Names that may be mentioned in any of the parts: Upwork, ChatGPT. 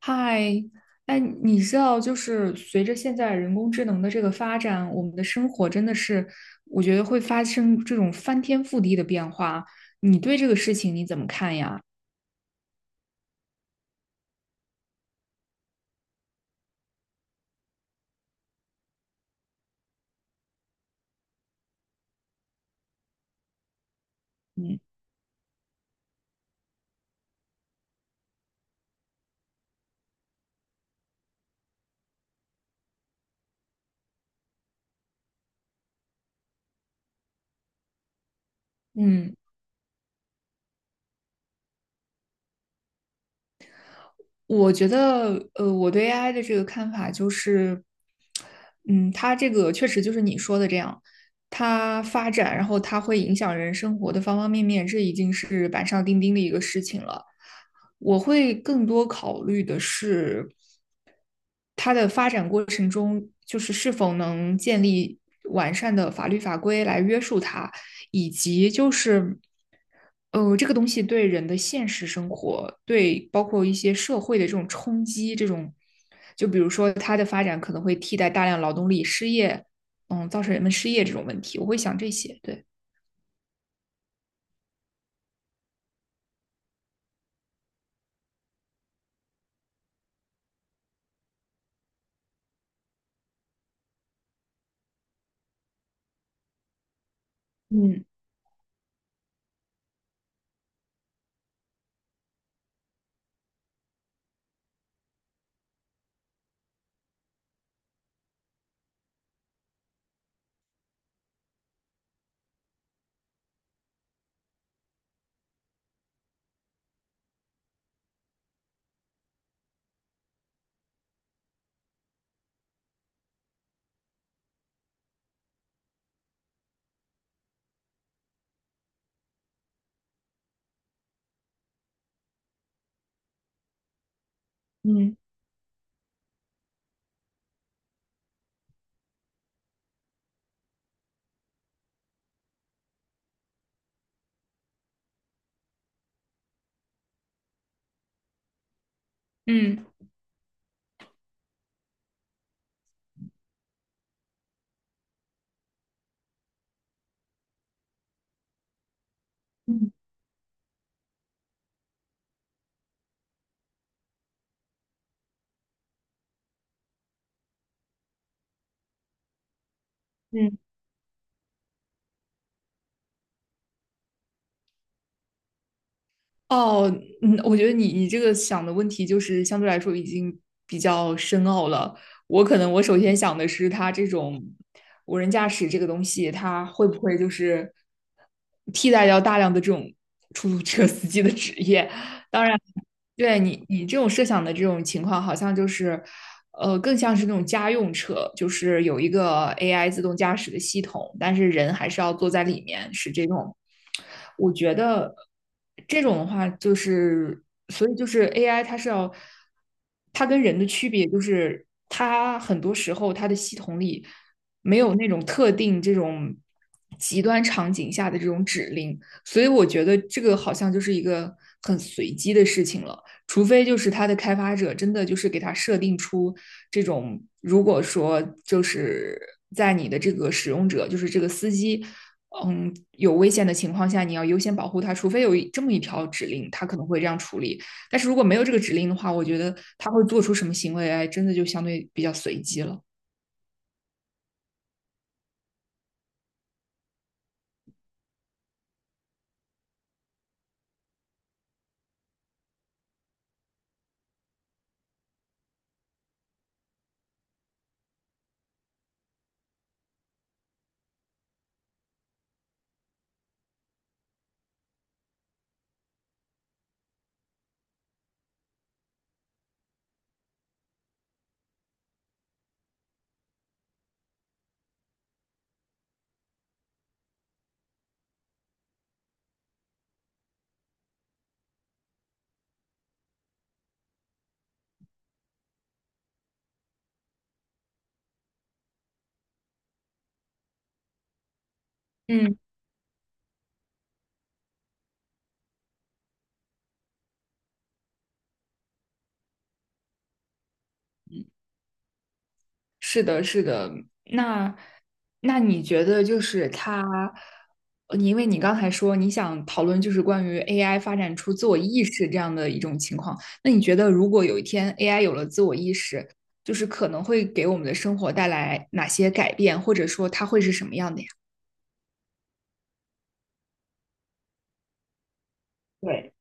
嗨，哎，你知道，就是随着现在人工智能的这个发展，我们的生活真的是，我觉得会发生这种翻天覆地的变化。你对这个事情你怎么看呀？嗯嗯，我觉得，我对 AI 的这个看法就是，嗯，它这个确实就是你说的这样，它发展，然后它会影响人生活的方方面面，这已经是板上钉钉的一个事情了。我会更多考虑的是。它的发展过程中，就是是否能建立完善的法律法规来约束它，以及就是，这个东西对人的现实生活，对包括一些社会的这种冲击，这种，就比如说它的发展可能会替代大量劳动力失业，嗯，造成人们失业这种问题，我会想这些，对，嗯嗯嗯。嗯嗯，哦，嗯，我觉得你这个想的问题就是相对来说已经比较深奥了。我可能我首先想的是，它这种无人驾驶这个东西，它会不会就是替代掉大量的这种出租车司机的职业？当然。对你这种设想的这种情况，好像就是，更像是那种家用车，就是有一个 AI 自动驾驶的系统，但是人还是要坐在里面，是这种。我觉得这种的话，就是所以就是 AI 它是要，它跟人的区别就是它很多时候它的系统里没有那种特定这种极端场景下的这种指令，所以我觉得这个好像就是一个很随机的事情了。除非就是它的开发者真的就是给它设定出这种，如果说就是在你的这个使用者，就是这个司机，嗯，有危险的情况下，你要优先保护他，除非有这么一条指令，它可能会这样处理。但是如果没有这个指令的话，我觉得他会做出什么行为，哎，真的就相对比较随机了。嗯，是的，是的。那你觉得就是它，你因为你刚才说你想讨论就是关于 AI 发展出自我意识这样的一种情况，那你觉得如果有一天 AI 有了自我意识，就是可能会给我们的生活带来哪些改变，或者说它会是什么样的呀？对。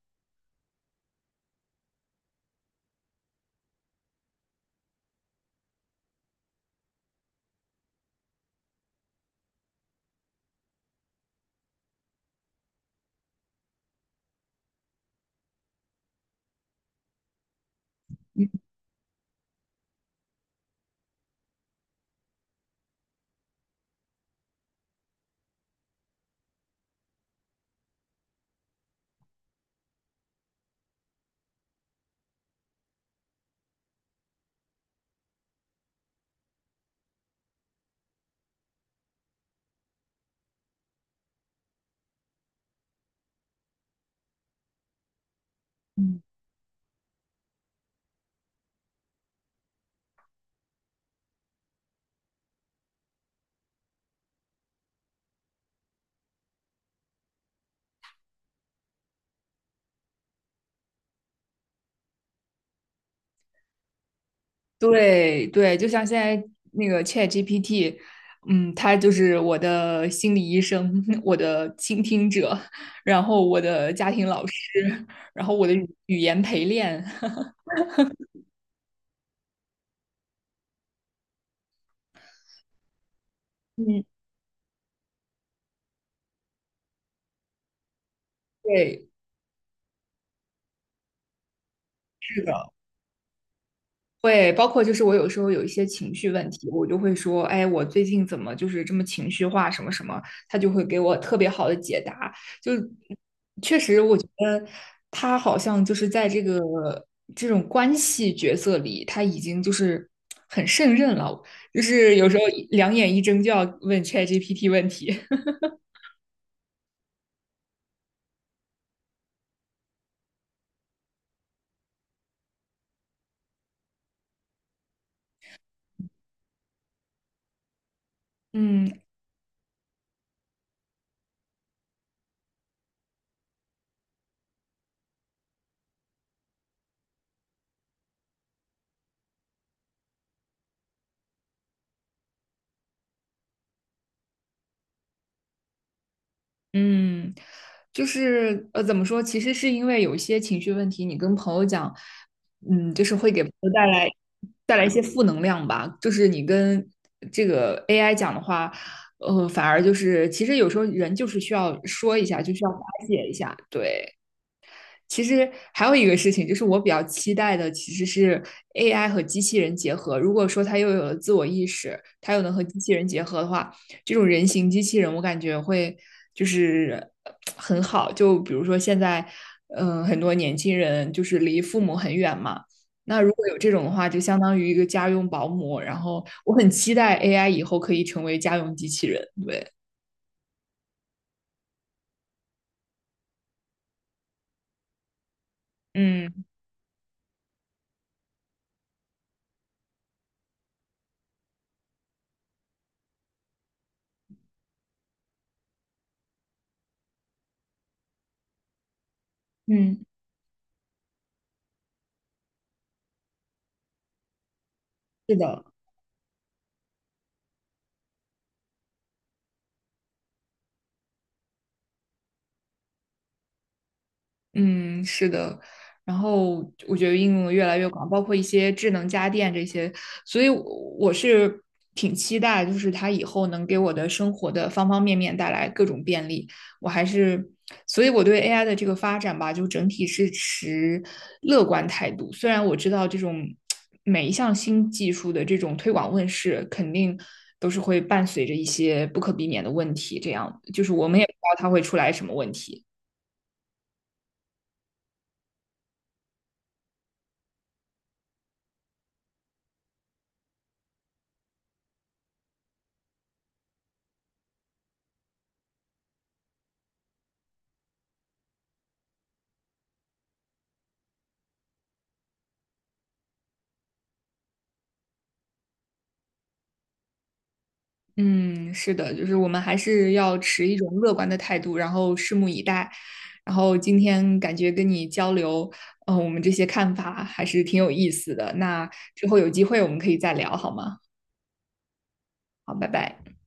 嗯。对对，就像现在那个 ChatGPT，嗯，它就是我的心理医生，我的倾听者，然后我的家庭老师，然后我的语言陪练。嗯，对，是的。会，包括就是我有时候有一些情绪问题，我就会说，哎，我最近怎么就是这么情绪化，什么什么，他就会给我特别好的解答。就确实，我觉得他好像就是在这个这种关系角色里，他已经就是很胜任了，就是有时候两眼一睁就要问 ChatGPT 问题。嗯。嗯，就是怎么说？其实是因为有一些情绪问题，你跟朋友讲，嗯，就是会给朋友带来一些负能量吧。就是你跟这个 AI 讲的话，反而就是其实有时候人就是需要说一下，就需要发泄一下，对。其实还有一个事情，就是我比较期待的其实是 AI 和机器人结合。如果说它又有了自我意识，它又能和机器人结合的话，这种人形机器人，我感觉会就是很好。就比如说现在，很多年轻人就是离父母很远嘛，那如果有这种的话，就相当于一个家用保姆。然后我很期待 AI 以后可以成为家用机器人。对，嗯嗯，是的。嗯，是的。然后我觉得应用得越来越广，包括一些智能家电这些，所以我是挺期待，就是它以后能给我的生活的方方面面带来各种便利。我还是，所以我对 AI 的这个发展吧，就整体是持乐观态度。虽然我知道这种每一项新技术的这种推广问世，肯定都是会伴随着一些不可避免的问题，这样就是我们也不知道它会出来什么问题。嗯，是的，就是我们还是要持一种乐观的态度，然后拭目以待。然后今天感觉跟你交流，我们这些看法还是挺有意思的。那之后有机会我们可以再聊，好吗？好，拜拜。